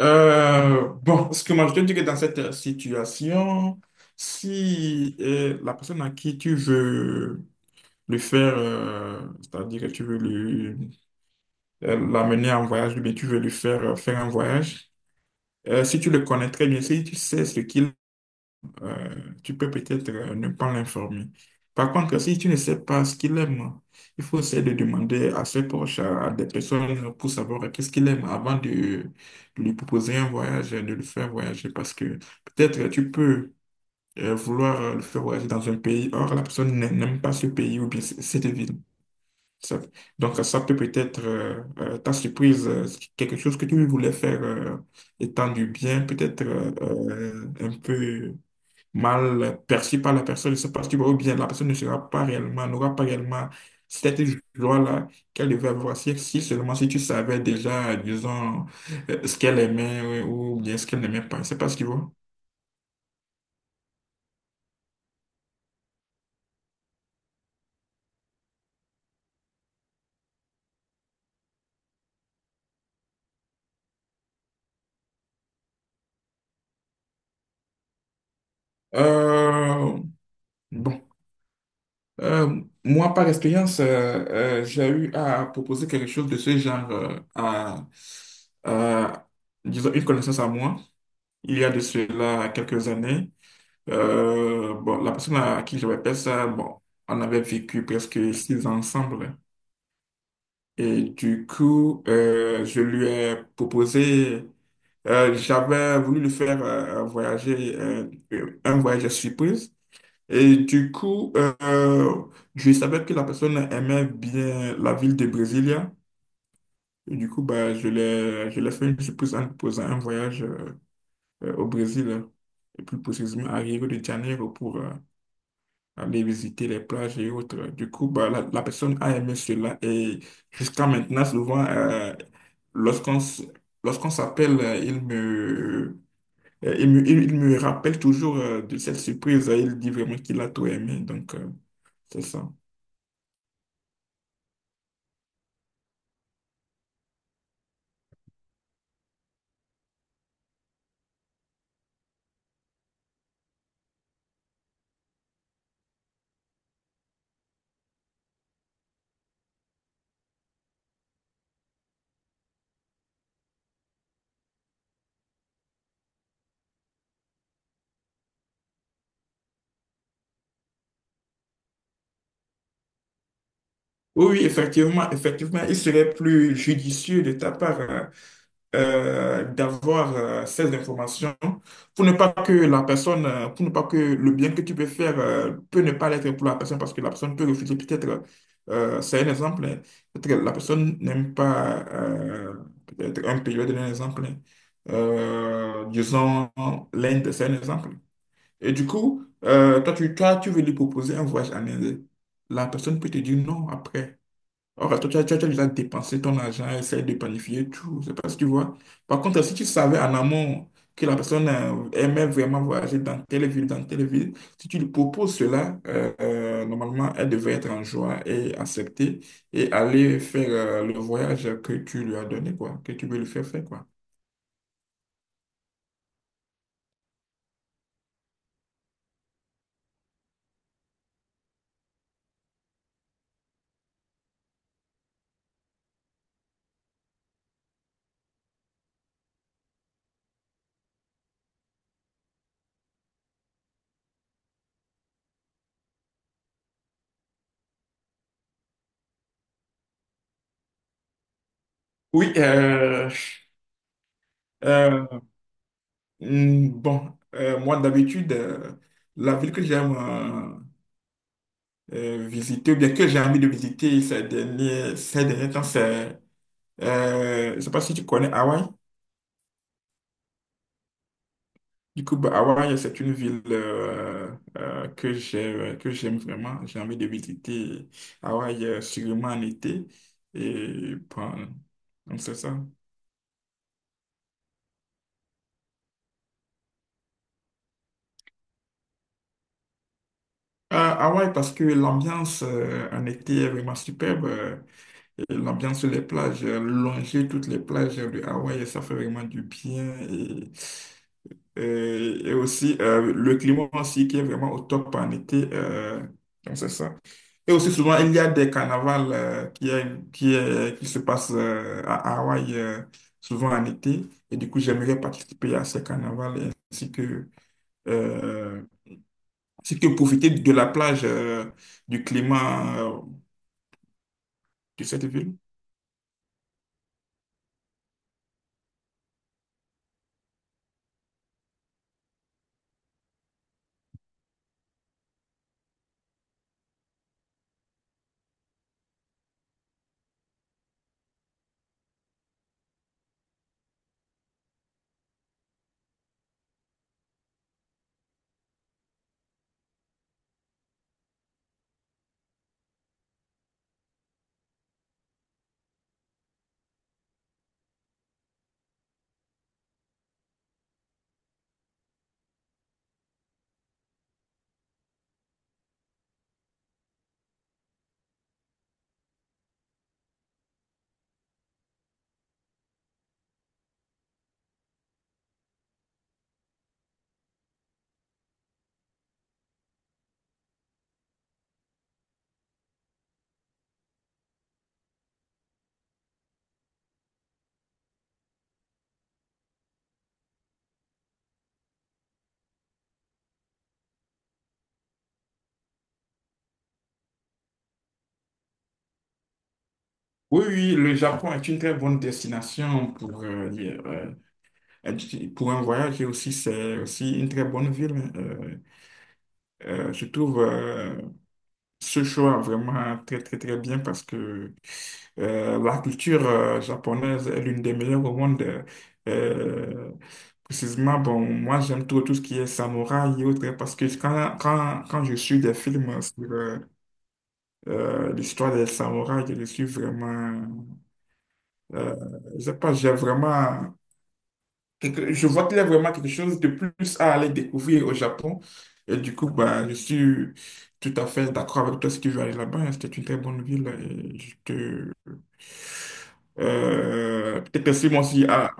Ce que moi je te dis que dans cette situation, si la personne à qui tu veux le faire, c'est-à-dire que tu veux l'amener en voyage, ou bien tu veux lui faire faire un voyage, si tu le connais très bien, si tu sais ce qu'il euh, tu peux peut-être ne pas l'informer. Par contre, si tu ne sais pas ce qu'il aime, il faut essayer de demander à ses proches, à des personnes pour savoir qu'est-ce qu'il aime avant de lui proposer un voyage, de le faire voyager. Parce que peut-être tu peux vouloir le faire voyager dans un pays, or la personne n'a- n'aime pas ce pays ou bien cette ville. Ça- donc ça peut peut-être ta surprise, quelque chose que tu voulais faire étant du bien, peut-être un peu mal perçu par la personne, c'est parce que ou bien la personne ne sera pas n'aura pas réellement cette joie-là qu'elle devait avoir si seulement si tu savais déjà, disons, ce qu'elle aimait ouais, ou bien ce qu'elle n'aimait pas. C'est pas ce qu'il voit. Euh, bon. Moi, par expérience, j'ai eu à proposer quelque chose de ce genre à, disons, une connaissance à moi, il y a de cela quelques années. La personne à qui je répète ça, bon, on avait vécu presque 6 ans ensemble. Et du coup, je lui ai proposé, j'avais voulu lui faire voyager, un voyage surprise. Et du coup, je savais que la personne aimait bien la ville de Brasilia. Et du coup, bah, je je l'ai fait une surprise en lui proposant un voyage au Brésil, et plus précisément à Rio de Janeiro pour, aller visiter les plages et autres. Du coup, bah, la personne a aimé cela et jusqu'à maintenant, souvent, lorsqu'on s- lorsqu'on s'appelle, il me rappelle toujours de cette surprise. Il dit vraiment qu'il a tout aimé. Donc, c'est ça. Oui, oui, effectivement, effectivement, il serait plus judicieux de ta part hein, d'avoir ces informations pour ne pas que la personne, pour ne pas que le bien que tu peux faire peut ne pas l'être pour la personne parce que la personne peut refuser. Peut-être, c'est un exemple, hein. Peut-être la personne n'aime pas peut-être un pays, je vais donner un exemple. Hein. Disons, l'Inde, c'est un exemple. Et du coup, toi, tu veux lui proposer un voyage en Inde. La personne peut te dire non après. Alors, toi, tu as déjà dépensé ton argent, essayer de planifier tout, c'est parce que tu vois. Par contre, si tu savais en amont que la personne aimait vraiment voyager dans telle ville, si tu lui proposes cela, normalement, elle devrait être en joie et accepter et aller faire le voyage que tu lui as donné, quoi, que tu veux lui faire faire, quoi. Oui, euh, bon, moi d'habitude, la ville que j'aime visiter, ou bien que j'ai envie de visiter ces derniers temps, je ne sais pas si tu connais Hawaï. Du coup, bah, Hawaï, c'est une ville que j'aime vraiment. J'ai envie de visiter Hawaï sûrement en été. Et bon, donc c'est ça. Hawaï, parce que l'ambiance en été est vraiment superbe. Et l'ambiance sur les plages, longer toutes les plages de Hawaï, ça fait vraiment du bien. Et, et aussi, le climat aussi qui est vraiment au top en été. Donc, c'est ça. Et aussi, souvent, il y a des carnavals qui se passent à Hawaï, souvent en été. Et du coup, j'aimerais participer à ces carnavals euh, ainsi que profiter de la plage, du climat de cette ville. Oui, oui, le Japon est une très bonne destination pour, pour un voyage et aussi c'est aussi une très bonne ville. Hein, je trouve ce choix vraiment très très très bien parce que la culture japonaise est l'une des meilleures au monde. Euh, Précisément, bon, moi j'aime tout, tout ce qui est samouraï et autres parce que quand je suis des films sur l'histoire des samouraïs, je suis vraiment... Euh, je sais pas, j'ai vraiment je vois qu'il y a vraiment quelque chose de plus à aller découvrir au Japon. Et du coup, bah, je suis tout à fait d'accord avec toi si tu veux aller là-bas. Hein. C'était une très bonne ville. Et je te... Peut-être que si moi aussi... ah,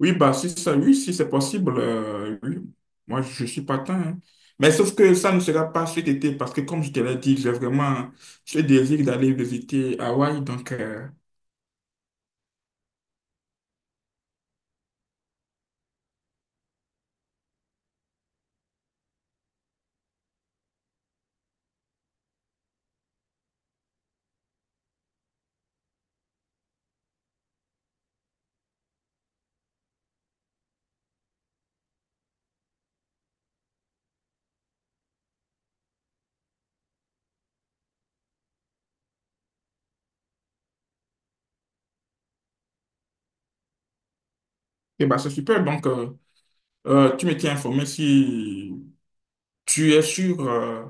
oui, bah, si ça, oui, si c'est possible, oui. Moi, je suis partant. Hein. Mais sauf que ça ne sera pas cet été parce que, comme je te l'ai dit, j'ai vraiment ce désir d'aller visiter Hawaï. Donc, et bah, c'est super. Donc, tu me tiens informé si tu es sûr,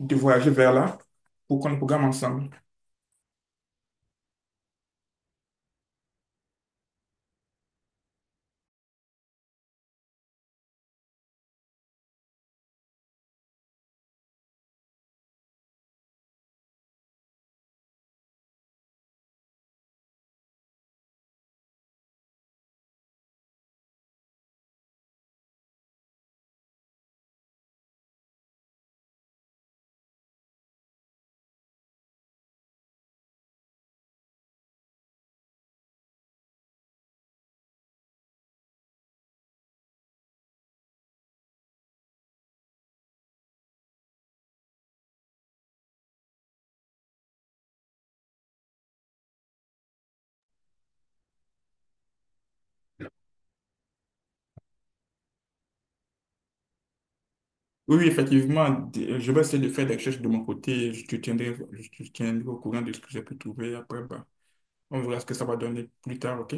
de voyager vers là pour qu'on programme ensemble? Oui, oui, effectivement, je vais essayer de faire des recherches de mon côté. Je te tiendrai au courant de ce que j'ai pu trouver après. Bah, on verra ce que ça va donner plus tard, OK?